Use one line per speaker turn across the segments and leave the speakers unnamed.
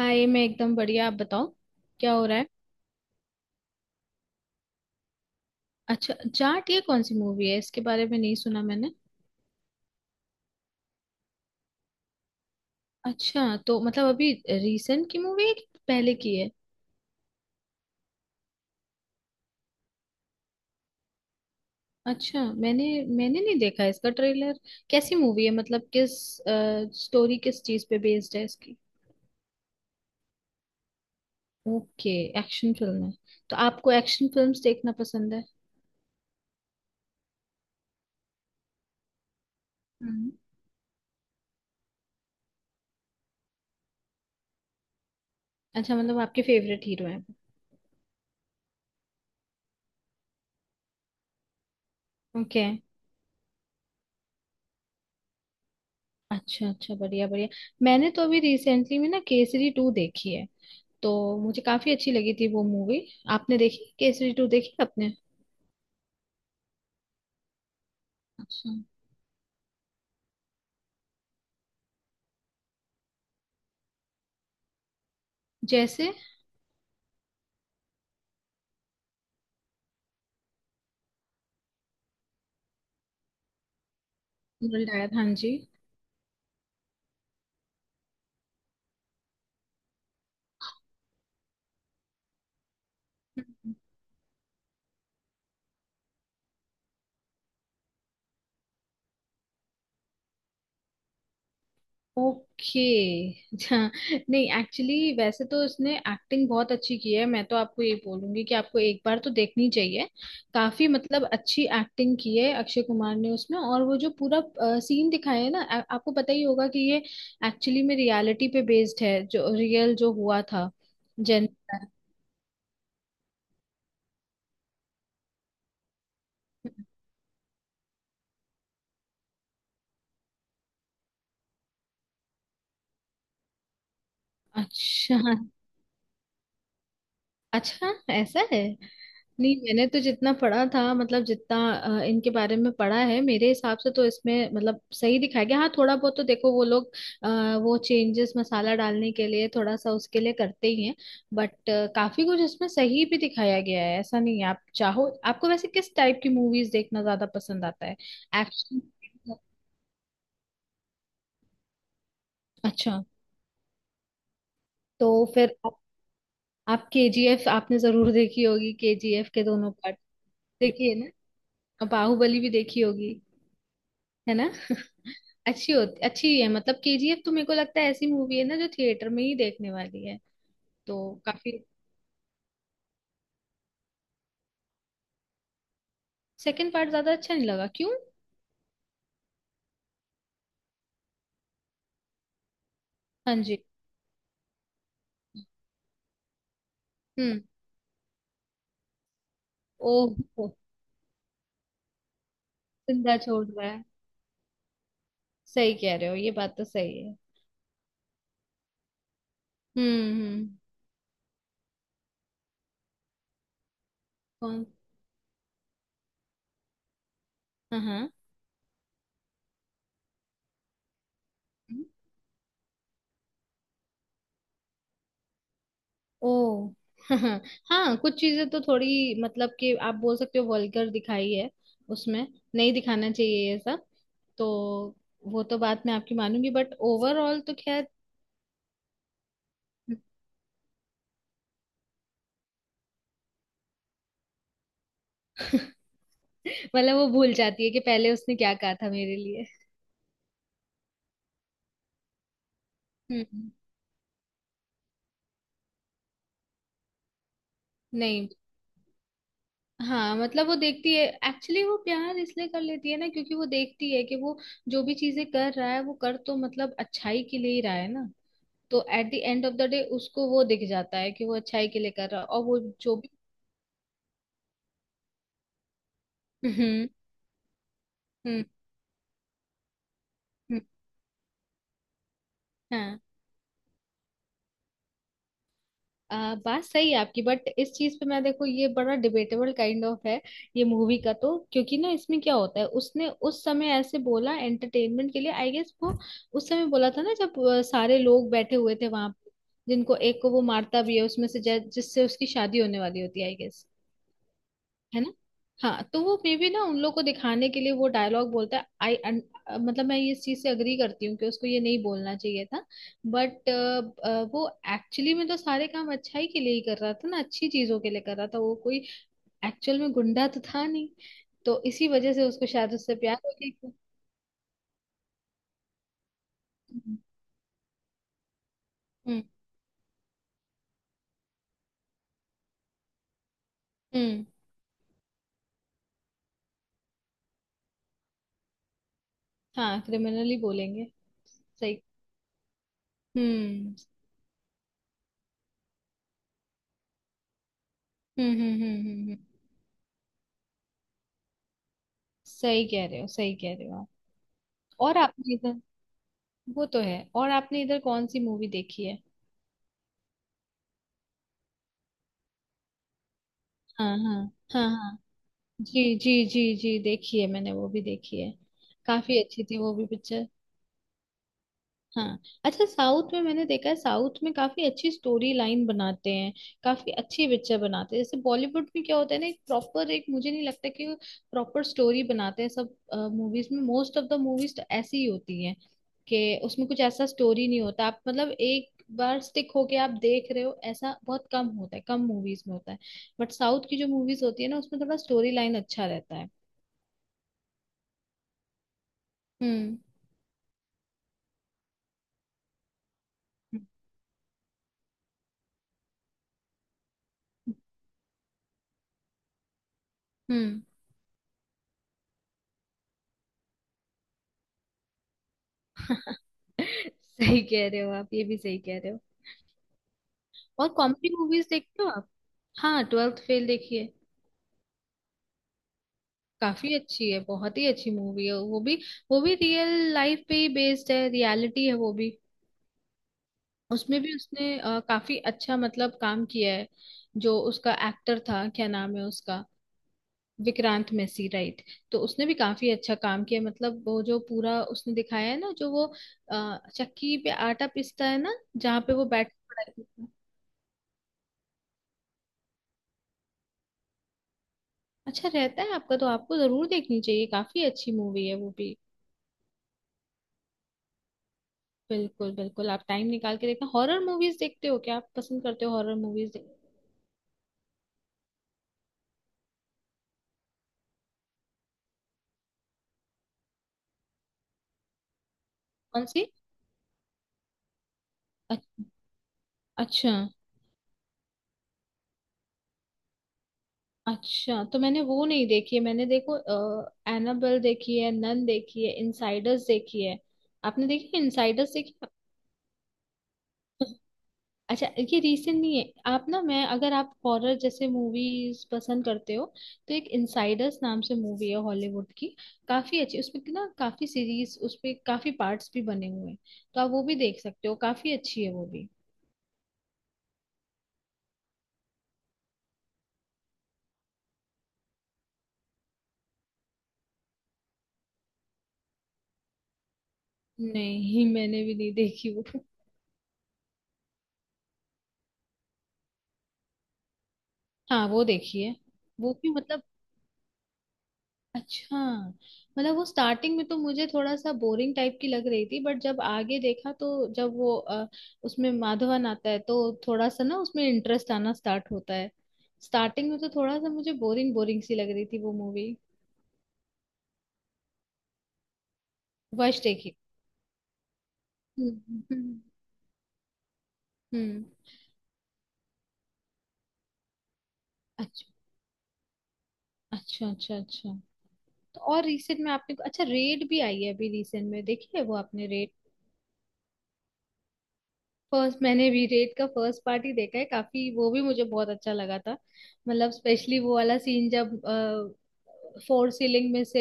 हाँ, ये मैं एकदम बढ़िया। आप बताओ क्या हो रहा है। अच्छा, जाट ये कौन सी मूवी है? इसके बारे में नहीं सुना मैंने। अच्छा, तो मतलब अभी रिसेंट की मूवी है कि पहले की है? अच्छा, मैंने मैंने नहीं देखा इसका ट्रेलर। कैसी मूवी है? मतलब किस स्टोरी, किस चीज पे बेस्ड है इसकी? ओके, एक्शन फिल्म है। तो आपको एक्शन फिल्म्स देखना पसंद है? हम्म। अच्छा, मतलब आपके फेवरेट हीरो हैं? ओके। अच्छा अच्छा, बढ़िया बढ़िया। मैंने तो अभी रिसेंटली में ना केसरी टू देखी है, तो मुझे काफी अच्छी लगी थी वो मूवी। आपने देखी? केसरी टू देखी आपने? अच्छा। जैसे? डायर, हाँ जी। ओके। अच्छा। नहीं, एक्चुअली वैसे तो इसने एक्टिंग बहुत अच्छी की है। मैं तो आपको ये बोलूंगी कि आपको एक बार तो देखनी चाहिए। काफी मतलब अच्छी एक्टिंग की है अक्षय कुमार ने उसमें, और वो जो पूरा सीन दिखाया है ना, आपको पता ही होगा कि ये एक्चुअली में रियलिटी पे बेस्ड है, जो रियल जो हुआ था। जन। अच्छा। अच्छा, ऐसा है? नहीं, मैंने तो जितना पढ़ा था, मतलब जितना इनके बारे में पढ़ा है, मेरे हिसाब से तो इसमें मतलब सही दिखाया गया। हाँ, थोड़ा बहुत तो देखो, वो लोग अ, वो चेंजेस मसाला डालने के लिए थोड़ा सा उसके लिए करते ही हैं। बट काफी कुछ इसमें सही भी दिखाया गया है, ऐसा नहीं है। आप चाहो, आपको वैसे किस टाइप की मूवीज देखना ज्यादा पसंद आता है? एक्शन? अच्छा, तो फिर आप केजीएफ आपने जरूर देखी होगी, केजीएफ के दोनों पार्ट। देखी है ना? और बाहुबली भी देखी होगी। है ना? अच्छी होती, अच्छी है मतलब। केजीएफ तो मेरे को लगता है ऐसी मूवी है ना जो थिएटर में ही देखने वाली है, तो। काफी सेकंड पार्ट ज्यादा अच्छा नहीं लगा? क्यों? हाँ जी। हम्म। ओह ओह, जिंदा छोड़ रहा है। सही कह रहे हो, ये बात तो सही है। हम्म, हम्म। कौन? हाँ, हाँ। हम्म, ओ। हाँ। हाँ, कुछ चीजें तो थोड़ी मतलब कि आप बोल सकते हो वल्गर दिखाई है उसमें। नहीं दिखाना चाहिए ये सब, तो वो तो बात मैं आपकी मानूंगी, बट ओवरऑल तो खैर। मतलब वो भूल जाती है कि पहले उसने क्या कहा था मेरे लिए? हम्म। नहीं। हाँ, मतलब वो देखती है एक्चुअली। वो प्यार इसलिए कर लेती है ना, क्योंकि वो देखती है कि वो जो भी चीजें कर रहा है, वो कर तो मतलब अच्छाई के लिए ही रहा है ना। तो at the end of the day उसको वो दिख जाता है कि वो अच्छाई के लिए कर रहा है और वो जो भी। हम्म, हम्म, हम्म, हाँ। बात सही है आपकी, बट इस चीज पे मैं देखो, ये बड़ा डिबेटेबल काइंड ऑफ है ये मूवी का तो। क्योंकि ना इसमें क्या होता है, उसने उस समय ऐसे बोला एंटरटेनमेंट के लिए आई गेस। वो उस समय बोला था ना जब सारे लोग बैठे हुए थे वहां। जिनको एक को वो मारता भी है उसमें से, जिससे उसकी शादी होने वाली होती है आई गेस। है ना? हाँ, तो वो मे बी ना उन लोग को दिखाने के लिए वो डायलॉग बोलता है। आई मतलब मैं इस चीज से अग्री करती हूँ कि उसको ये नहीं बोलना चाहिए था, बट वो एक्चुअली में तो सारे काम अच्छाई के लिए ही कर रहा था ना, अच्छी चीजों के लिए कर रहा था। वो कोई एक्चुअल में गुंडा तो था नहीं, तो इसी वजह से उसको शायद उससे प्यार हो गया। हम्म, हम्म, हम्म, हाँ। क्रिमिनली बोलेंगे। सही। हम्म, हम्म, हम्म, हम्म, हम्म, सही कह रहे हो, सही कह रहे हो आप। और आपने इधर, वो तो है। और आपने इधर कौन सी मूवी देखी है? हाँ, हाँ। हाँ, हाँ जी जी जी जी, देखी है मैंने, वो भी देखी है। काफी अच्छी थी वो भी पिक्चर। हाँ। अच्छा, साउथ में मैंने देखा है, साउथ में काफी अच्छी स्टोरी लाइन बनाते हैं, काफी अच्छे पिक्चर बनाते हैं। जैसे बॉलीवुड में क्या होता है ना, एक प्रॉपर, एक मुझे नहीं लगता कि वो प्रॉपर स्टोरी बनाते हैं सब मूवीज में। मोस्ट ऑफ द मूवीज तो ऐसी ही होती हैं, कि उसमें कुछ ऐसा स्टोरी नहीं होता। आप मतलब एक बार स्टिक होके आप देख रहे हो, ऐसा बहुत कम होता है, कम मूवीज में होता है। बट साउथ की जो मूवीज होती है ना, उसमें थोड़ा स्टोरी लाइन अच्छा रहता है। हम्म, हम्म। सही कह रहे हो आप, ये भी सही कह रहे हो। और कॉमेडी मूवीज देखते हो आप? हाँ, ट्वेल्थ फेल देखिए। काफी अच्छी है, बहुत ही अच्छी मूवी है वो भी। वो भी रियल लाइफ पे ही बेस्ड है, रियलिटी है वो भी। उसमें भी उसने काफी अच्छा मतलब काम किया है। जो उसका एक्टर था, क्या नाम है उसका? विक्रांत मैसी, राइट। तो उसने भी काफी अच्छा काम किया मतलब। वो जो पूरा उसने दिखाया है ना, जो वो चक्की पे आटा पीसता है ना जहाँ पे वो बैठ के पढ़ाई करता है। अच्छा, रहता है आपका तो आपको जरूर देखनी चाहिए, काफी अच्छी मूवी है वो भी। बिल्कुल बिल्कुल, आप टाइम निकाल के देखना। हॉरर मूवीज देखते हो क्या आप? पसंद करते हो हॉरर मूवीज? कौन सी? अच्छ- अच्छा। अच्छा, तो मैंने वो नहीं देखी है। मैंने देखो, एनाबेल देखी है, नन देखी है, इनसाइडर्स देखी है। आपने देखी है? इनसाइडर्स देखी है? अच्छा, ये रीसेंट नहीं है। आप ना, मैं अगर, आप हॉरर जैसे मूवीज पसंद करते हो, तो एक इनसाइडर्स नाम से मूवी है हॉलीवुड की, काफी अच्छी उसमें की ना, काफी सीरीज उसपे, काफी पार्ट्स भी बने हुए हैं, तो आप वो भी देख सकते हो, काफी अच्छी है वो भी। नहीं, मैंने भी नहीं देखी वो। हाँ, वो देखी है। वो भी मतलब, अच्छा मतलब, वो स्टार्टिंग में तो मुझे थोड़ा सा बोरिंग टाइप की लग रही थी, बट जब आगे देखा, तो जब वो उसमें माधवन आता है, तो थोड़ा सा ना उसमें इंटरेस्ट आना स्टार्ट होता है। स्टार्टिंग में तो थोड़ा सा मुझे बोरिंग बोरिंग सी लग रही थी वो मूवी। वश देखी? हम्म, हम्म, हम्म। अच्छा, अच्छा, अच्छा। अच्छा, तो और रिसेंट में आपने, अच्छा रेड भी आई है अभी रिसेंट में, देखी है वो आपने रेड? फर्स्ट। मैंने भी रेड का फर्स्ट पार्ट ही देखा है, काफी वो भी मुझे बहुत अच्छा लगा था। मतलब स्पेशली वो वाला सीन जब फोर सीलिंग में से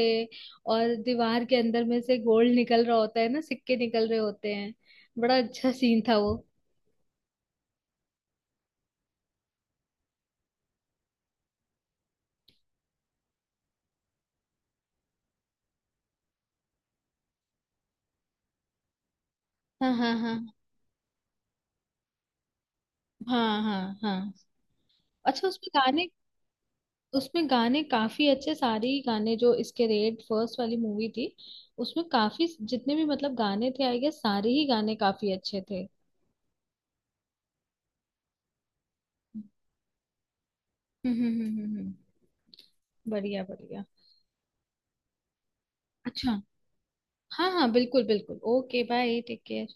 और दीवार के अंदर में से गोल्ड निकल रहा होता है ना, सिक्के निकल रहे होते हैं, बड़ा अच्छा सीन था वो। हाँ, हाँ, हाँ। हाँ, हाँ, हाँ। अच्छा, उसमें गाने काफी अच्छे, सारे ही गाने। जो इसके रेड फर्स्ट वाली मूवी थी, उसमें काफी जितने भी मतलब गाने थे आई गेस, सारे ही गाने काफी अच्छे थे। हम्म, हम्म, हम्म, हम्म, बढ़िया, बढ़िया। अच्छा, हाँ हाँ, बिल्कुल बिल्कुल, ओके। Bye, take care.